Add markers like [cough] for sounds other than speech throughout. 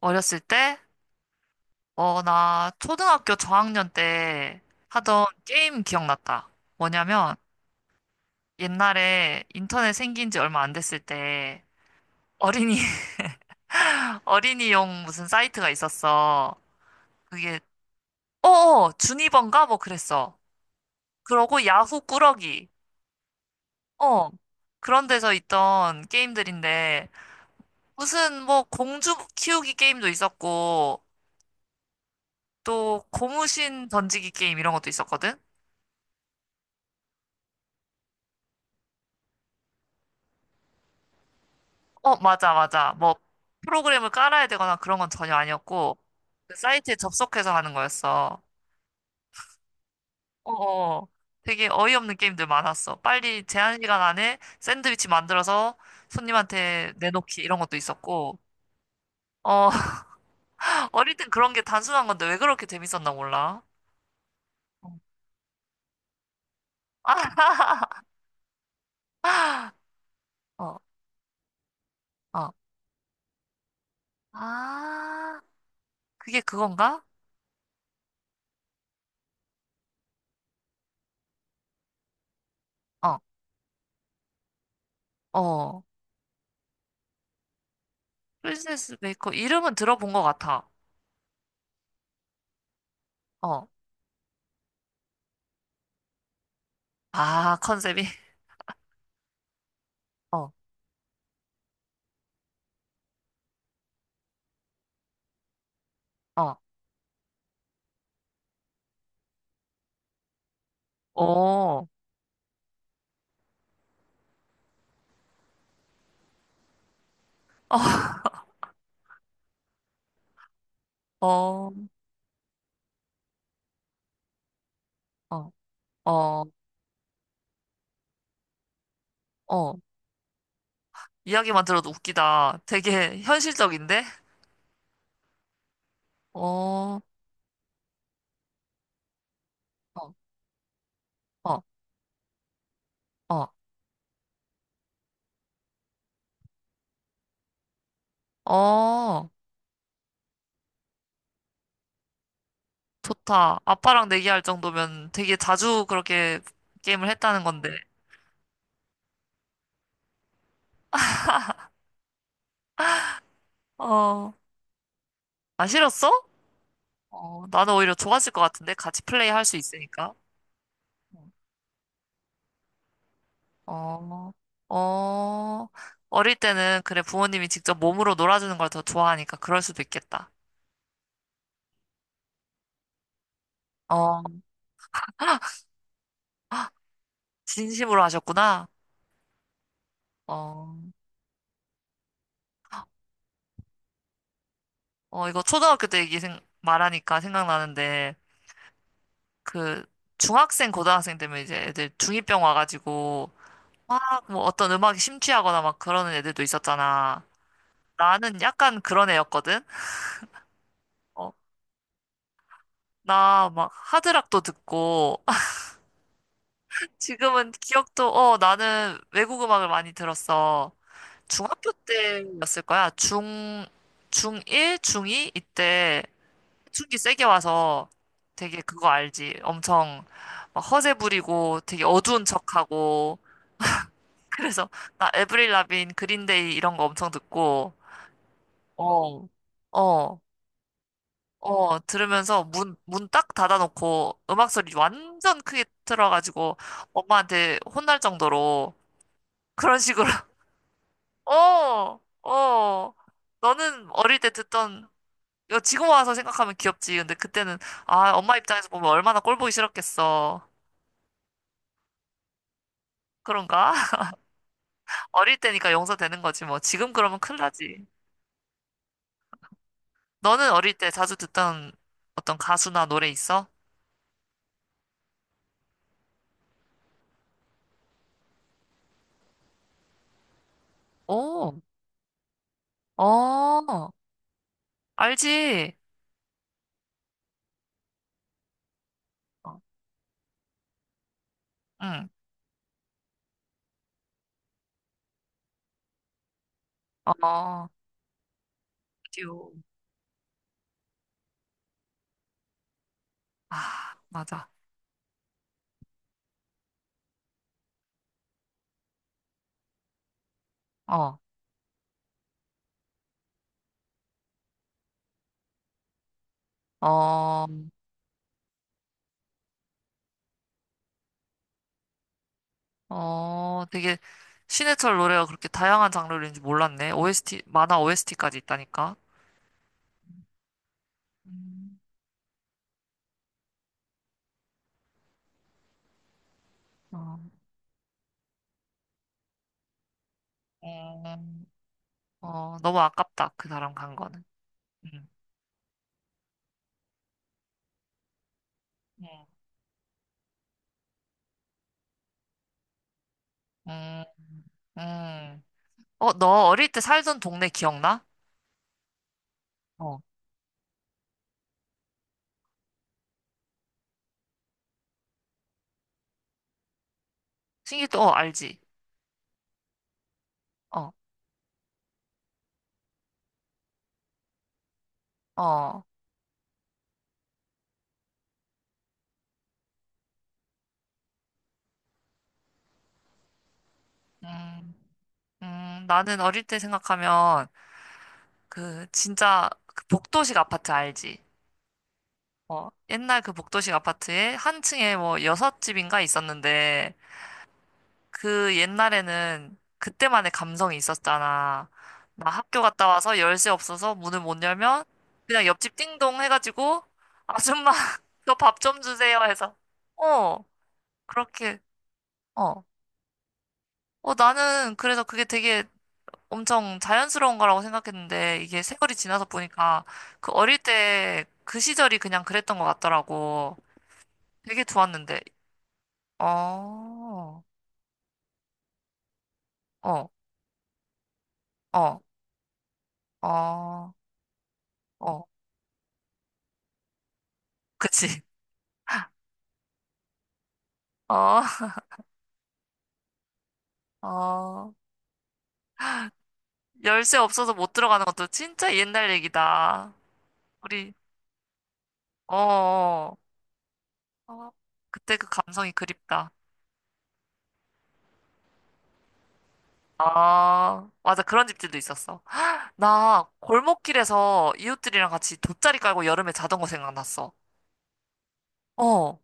어렸을 때? 어, 나 초등학교 저학년 때 하던 게임 기억났다. 뭐냐면 옛날에 인터넷 생긴 지 얼마 안 됐을 때 어린이, [laughs] 어린이용 무슨 사이트가 있었어. 그게, 주니번가? 뭐 그랬어. 그러고 야후 꾸러기. 어. 그런 데서 있던 게임들인데 무슨 뭐 공주 키우기 게임도 있었고 또 고무신 던지기 게임 이런 것도 있었거든? 어, 맞아, 맞아. 뭐, 프로그램을 깔아야 되거나 그런 건 전혀 아니었고, 그 사이트에 접속해서 하는 거였어. 어어. 되게 어이없는 게임들 많았어. 빨리 제한 시간 안에 샌드위치 만들어서 손님한테 내놓기 이런 것도 있었고, 어, [laughs] 어릴 땐 그런 게 단순한 건데 왜 그렇게 재밌었나 몰라. 어, [laughs] 어. 어. 아, 그게 그건가? 어, 어. 프린세스 메이커 이름은 들어본 것 같아. 어. 아, 컨셉이? [laughs] 어, 어. 어, [laughs] 어, 어, 어, 어. 이야기만 들어도 웃기다. 되게 현실적인데? 어, 어, 어, 어, 어. 좋다. 아빠랑 내기할 정도면 되게 자주 그렇게 게임을 했다는 건데. 어, 안 싫었어? 어, 나는 오히려 좋았을 것 같은데? 같이 플레이 할 수 있으니까. 어, 어. 어릴 때는 그래 부모님이 직접 몸으로 놀아주는 걸 더 좋아하니까 그럴 수도 있겠다. 어, 진심으로 하셨구나. 어, 어, 이거 초등학교 때 얘기 말하니까 생각나는데, 그, 중학생, 고등학생 되면 이제 애들 중이병 와가지고, 막, 뭐 어떤 음악에 심취하거나 막 그러는 애들도 있었잖아. 나는 약간 그런 애였거든? 어, 나 막 하드락도 듣고, [laughs] 지금은 기억도, 어, 나는 외국 음악을 많이 들었어. 중학교 때였을 거야. 중1, 중2? 이때 사춘기 세게 와서 되게 그거 알지? 엄청 막 허세 부리고 되게 어두운 척하고 [laughs] 그래서 나 에브릴 라빈 그린데이 이런 거 엄청 듣고 어. 어, 어, 들으면서 문 딱 닫아놓고 음악 소리 완전 크게 틀어가지고 엄마한테 혼날 정도로 그런 식으로, [laughs] 어, 어, 너는 어릴 때 듣던, 이거 지금 와서 생각하면 귀엽지. 근데 그때는, 아, 엄마 입장에서 보면 얼마나 꼴보기 싫었겠어. 그런가? [laughs] 어릴 때니까 용서되는 거지 뭐. 지금 그러면 큰일 나지. 너는 어릴 때 자주 듣던 어떤 가수나 노래 있어? 오, 어, 알지. 어, 응, 어, 라디오. 아, 맞아. 어, 어, 어, 되게 신해철 노래가 그렇게 다양한 장르인지 몰랐네. OST, 만화 OST까지 있다니까. 음, 어, 음, 어, 너무 아깝다. 그 사람 간 거는. 음, 음, 음. 음. 어, 너 어릴 때 살던 동네 기억나? 어, 신기도, 어, 알지? 어, 어, 음, 나는 어릴 때 생각하면, 그, 진짜, 그 복도식 아파트 알지? 어, 옛날 그 복도식 아파트에 한 층에 뭐 여섯 집인가 있었는데, 그 옛날에는 그때만의 감성이 있었잖아. 나 학교 갔다 와서 열쇠 없어서 문을 못 열면, 그냥 옆집 띵동 해가지고, 아줌마, [laughs] 저 밥 좀 주세요 해서, 어, 그렇게, 어 어, 나는 그래서 그게 되게 엄청 자연스러운 거라고 생각했는데 이게 세월이 지나서 보니까 그 어릴 때 그 시절이 그냥 그랬던 것 같더라고. 되게 좋았는데. 어, 어, 어, 어, 어, 그치. [laughs] 어, 어. 열쇠 없어서 못 들어가는 것도 진짜 옛날 얘기다. 우리, 어, 어, 어. 그때 그 감성이 그립다. 아, 맞아. 그런 집들도 있었어. 나 골목길에서 이웃들이랑 같이 돗자리 깔고 여름에 자던 거 생각났어. 어.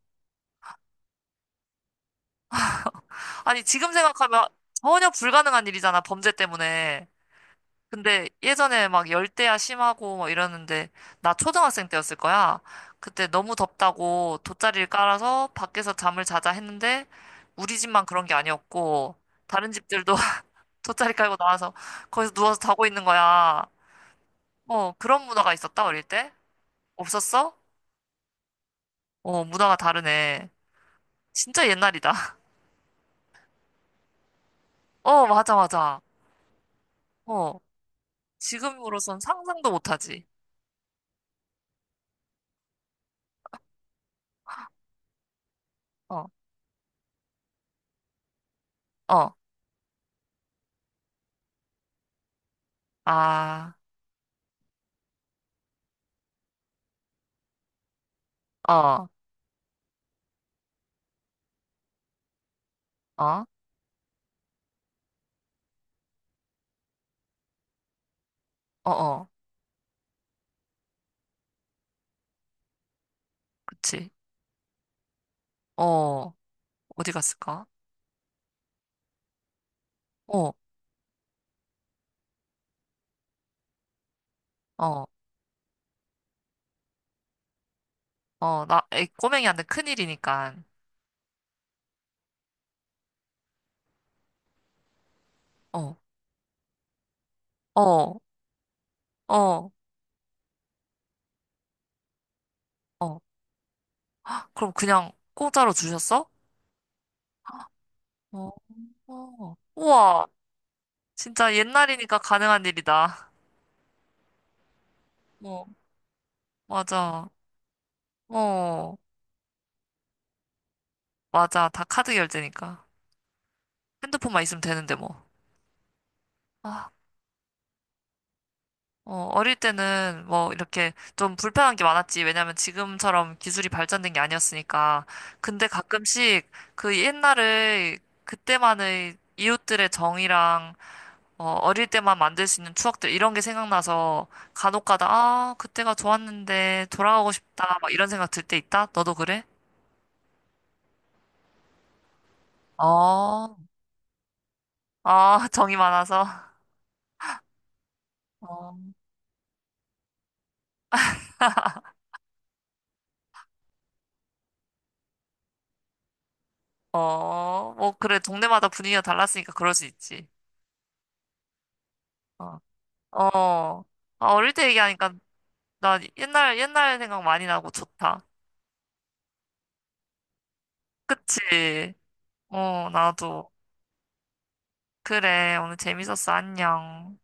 아니, 지금 생각하면 전혀 불가능한 일이잖아, 범죄 때문에. 근데 예전에 막 열대야 심하고 막 이러는데, 나 초등학생 때였을 거야. 그때 너무 덥다고 돗자리를 깔아서 밖에서 잠을 자자 했는데, 우리 집만 그런 게 아니었고, 다른 집들도 [laughs] 돗자리 깔고 나와서 거기서 누워서 자고 있는 거야. 어, 그런 문화가 있었다, 어릴 때? 없었어? 어, 문화가 다르네. 진짜 옛날이다. [laughs] 어, 맞아, 맞아. 어, 지금으로선 상상도 못하지. 어, 어, 아, 어, 어, 어, 어, 그치. 어, 어디 갔을까? 어, 어, 어, 나, 애 꼬맹이 한테 큰일이니까. 어, 어, 어, 어. 그럼 그냥 공짜로 주셨어? 어, 어. 우와, 진짜 옛날이니까 가능한 일이다. 어, 맞아. 어, 맞아. 다 카드 결제니까. 핸드폰만 있으면 되는데 뭐. 아. 어, 어릴 때는 뭐 이렇게 좀 불편한 게 많았지. 왜냐면 지금처럼 기술이 발전된 게 아니었으니까. 근데 가끔씩 그 옛날의 그때만의 이웃들의 정이랑 어, 어릴 때만 만들 수 있는 추억들 이런 게 생각나서 간혹 가다 아, 그때가 좋았는데 돌아가고 싶다. 막 이런 생각 들 때 있다. 너도 그래? 어, 아, [laughs] 정이 많아서. 어, 어, 뭐 그래. 동네마다 분위기가 달랐으니까 그럴 수 있지. 어, 어. 아, 어릴 때 얘기하니까 나 옛날, 옛날 생각 많이 나고 좋다. 그치? 어, 나도. 그래, 오늘 재밌었어. 안녕.